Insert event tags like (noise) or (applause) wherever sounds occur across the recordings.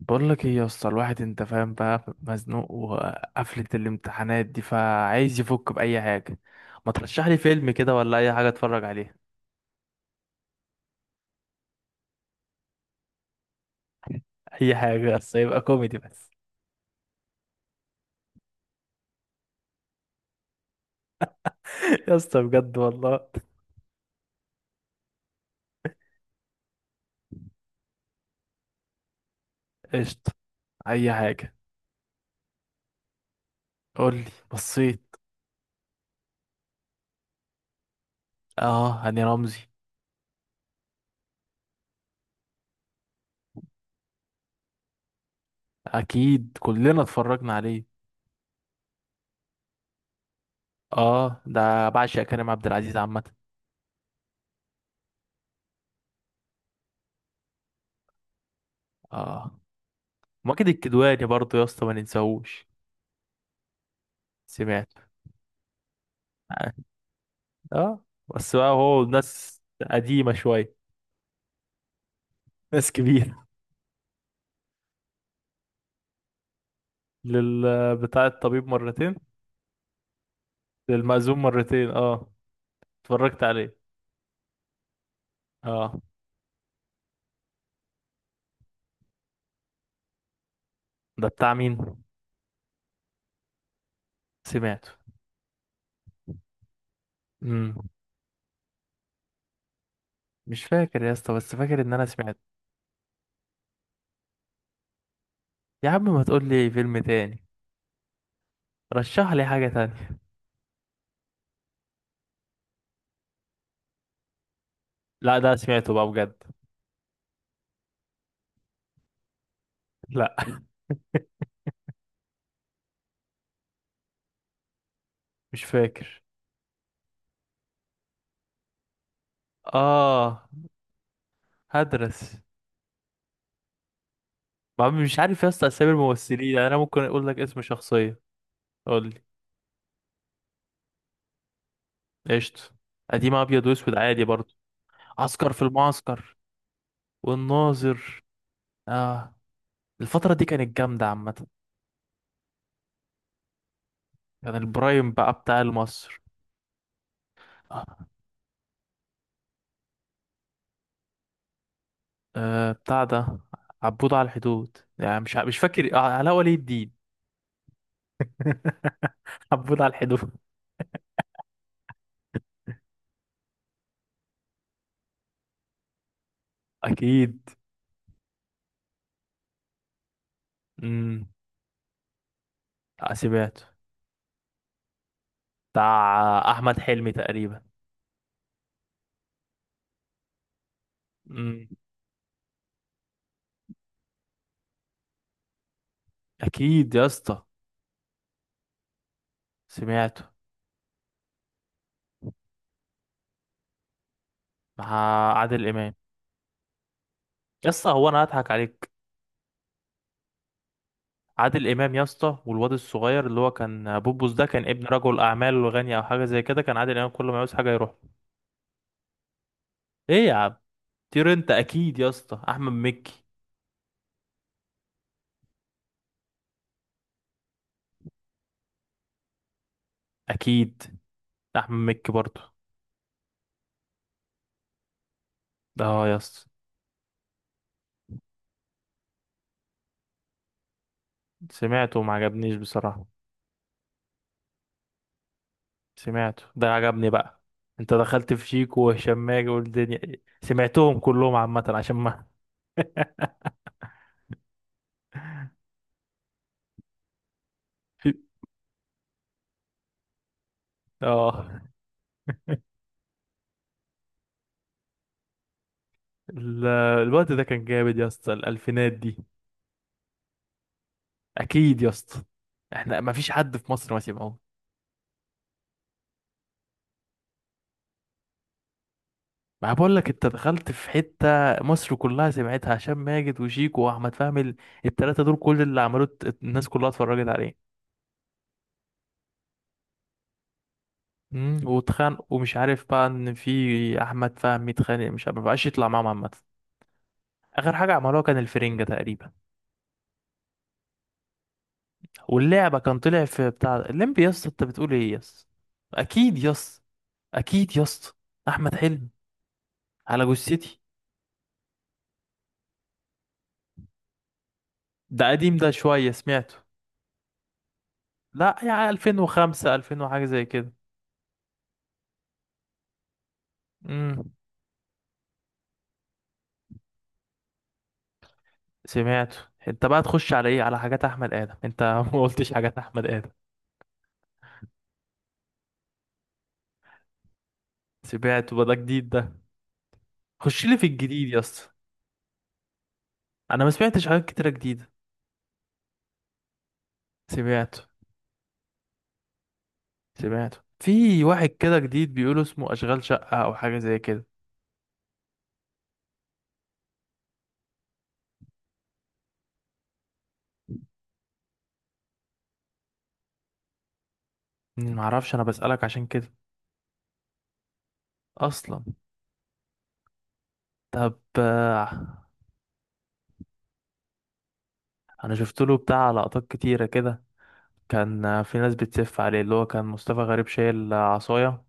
بقول لك ايه يا اسطى؟ الواحد انت فاهم بقى، مزنوق وقفلة الامتحانات دي، فعايز يفك بأي حاجة. ما ترشح لي فيلم كده ولا اي حاجة اتفرج عليها. (laughs) اي حاجة بس يبقى كوميدي بس. (laughs) يا اسطى بجد والله. قشطة، اي حاجة. قول لي، بصيت. اه، هاني رمزي. اكيد كلنا اتفرجنا عليه. اه، ده بعشق كريم عبد العزيز عامة. اه، ماجد الكدواني برضه يا اسطى، ما ننساهوش. سمعت. اه. آه، بس بقى هو ناس قديمة شوية. ناس كبيرة. لل بتاع الطبيب مرتين. للمأذون مرتين، اه. اتفرجت عليه. اه. ده بتاع مين؟ سمعته. امم. مش فاكر يا اسطى، بس فاكر ان انا سمعته. يا عم، ما تقول لي فيلم تاني. رشح لي حاجة تانية. لا، ده سمعته بقى بجد. لا. (laughs) مش فاكر. اه. هدرس. ما عم- مش عارف يا اسطى اسامي الممثلين، يعني انا ممكن اقول لك اسم شخصية. قول لي. قشطة. قديم ابيض واسود عادي برضه. عسكر في المعسكر. والناظر. اه. الفترة دي كانت جامدة عامة. كان البرايم بقى بتاع مصر. أه، بتاع ده عبود على الحدود. يعني مش فاكر. آه، علاء ولي الدين. (laughs) عبود على الحدود. أكيد. امم. سمعته. بتاع أحمد حلمي تقريبا. امم. أكيد يا اسطى. سمعته مع عادل إمام. يا اسطى، هو أنا هضحك عليك؟ عادل إمام يا اسطى، والواد الصغير اللي هو كان بوبوس ده، كان ابن رجل أعمال وغني أو حاجة زي كده. كان عادل إمام كل ما يعوز حاجة يروح له. إيه يا عم؟ طير انت، اكيد يا اسطى، احمد مكي. اكيد. احمد مكي برضو. ده اه يا اسطى. سمعته وما عجبنيش بصراحه. سمعته ده، عجبني بقى. انت دخلت في شيكو وهشام ماجد والدنيا. سمعتهم كلهم عامه عشان ما. (laughs) اه. ال- الوقت ده كان جامد يا اسطى، الالفينات دي. اكيد يا اسطى. احنا ما فيش حد في مصر ما سمعوش. ما بقول لك، انت دخلت في حته مصر كلها سمعتها. هشام ماجد وشيكو واحمد فهمي، الثلاثه دول كل اللي عملوه الناس كلها اتفرجت عليه. امم. واتخانق ومش عارف بقى، ان في احمد فهمي اتخانق، مش عارف- ما بقاش يطلع معاهم عامه. اخر حاجه عملوها كان الفرنجه تقريبا. واللعبه، كان طلع في بتاع الليمبي. يا اسطى انت بتقول ايه يا اسطى؟ اكيد يا اسطى. اكيد يا اسطى. احمد حلمي. على جثتي. ده قديم ده شويه، سمعته. لا يعني 2005، 2000 وحاجه زي كده. امم. سمعته. انت بقى تخش على ايه، على حاجات احمد ادم انت؟ (laughs) ما قلتش حاجات احمد ادم. سمعته بقى، ده جديد ده. خش لي في الجديد يا اسطى، انا ما سمعتش حاجات كتيره جديده. سمعته. سمعته. في واحد كده جديد بيقولوا اسمه اشغال شقه او حاجه زي كده. ما اعرفش، انا بسالك عشان كده. اصلا. طب آه، انا شفت له بتاع لقطات كتيره كده. كان آه، في ناس بتسف عليه. اللي هو كان مصطفى غريب شايل آه، عصايه،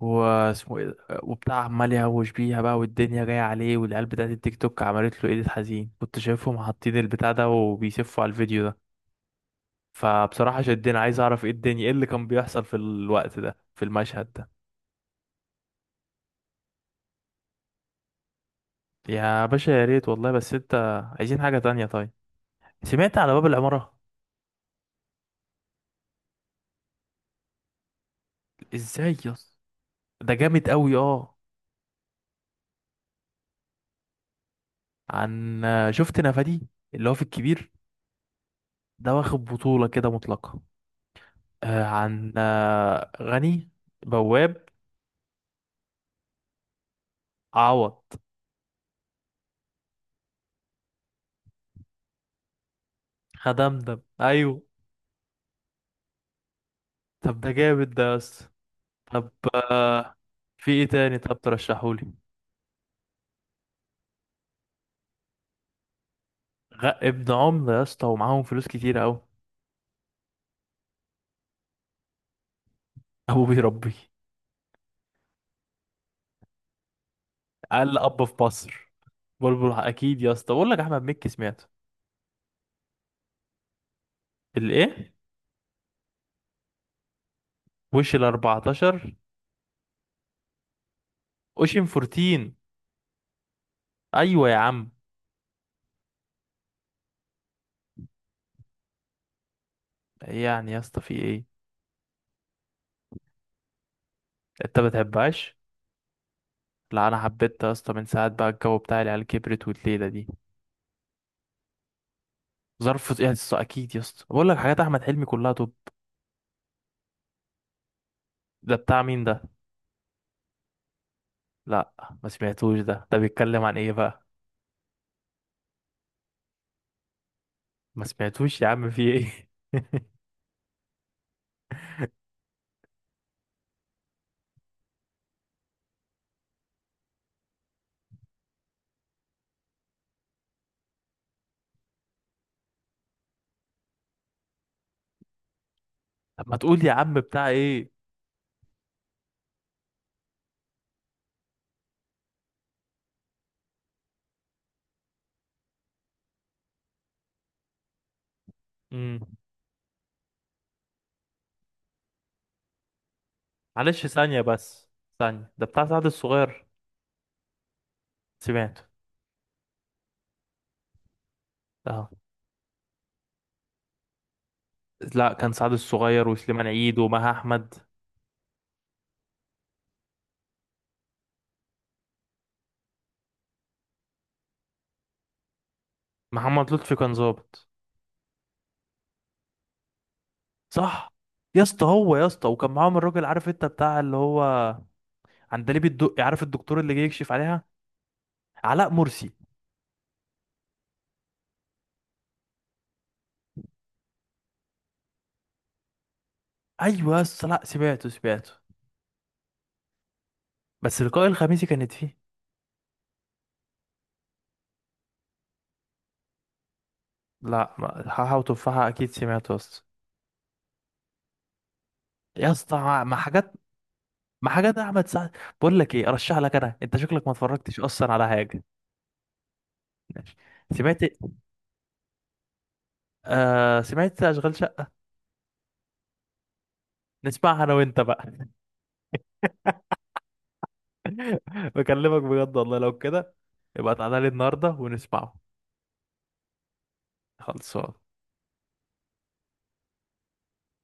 واسمه ايه ده؟ وبتاع عمال يهوش بيها بقى، والدنيا جاية عليه، والعيال بتاعت التيك توك عملت له ايديت حزين. كنت شايفهم حاطين البتاع ده وبيسفوا على الفيديو ده. فبصراحة شدني، عايز اعرف ايه الدنيا، ايه اللي كان بيحصل في الوقت ده في المشهد ده. يا باشا، يا ريت والله. بس انت عايزين حاجة تانية طيب. سمعت على باب العمارة؟ ازاي يس! ده جامد قوي، اه. عن، شفت نفادي اللي هو في الكبير؟ ده واخد بطولة كده مطلقة. آه، عن آه، غني بواب. عوض. هدمدم، ايوه. طب ده جامد ده يا اسطى. طب آه، في ايه تاني طب ترشحولي؟ ابن عمرو يا اسطى، ومعاهم فلوس كتير قوي. ابو بيربيه. اقل اب في مصر. بلبل، اكيد يا اسطى، بقول لك احمد مكي سمعته. الايه؟ وش ال 14؟ اوشن 14. ايوه يا عم. يعني يا اسطى في ايه؟ انت ما بتحبهاش؟ لا، انا حبيتها يا اسطى من ساعه بقى الجو بتاع العيال كبرت والليله دي. ظرف ايه يا اسطى؟ اكيد يا اسطى، بقول لك حاجات احمد حلمي كلها توب. ده بتاع مين ده؟ لا، ما سمعتوش ده. ده بيتكلم عن ايه بقى؟ ما سمعتوش يا عم، في ايه؟ (laughs) طب ما تقول يا عم بتاع ايه. امم. معلش ثانية بس. ثانية، ده بتاع سعد الصغير؟ سمعته. اه. لا، كان سعد الصغير وسليمان عيد ومها احمد. محمد لطفي كان ظابط، صح؟ يا اسطى، هو يا اسطى وكان معاهم الراجل، عارف انت بتاع اللي هو عندليب الدقي، عارف الدكتور اللي جاي يكشف عليها؟ علاء مرسي. ايوه يا اسطى، لا سمعته، سمعته. بس لقاء الخميسي كانت فيه. لا حاحة وتفاحة اكيد سمعته يا اسطى. يا اسطى مع، مع حاجات، مع حاجات احمد سعد. بقول لك ايه، ارشح لك انا، انت شكلك ما اتفرجتش اصلا على حاجة. ماشي. سمعت، آه سمعت اشغال شقة. نسمعها انا وانت بقى. (laughs) بكلمك بجد والله، لو كده يبقى تعالى لي النهارده ونسمعه. خلصان.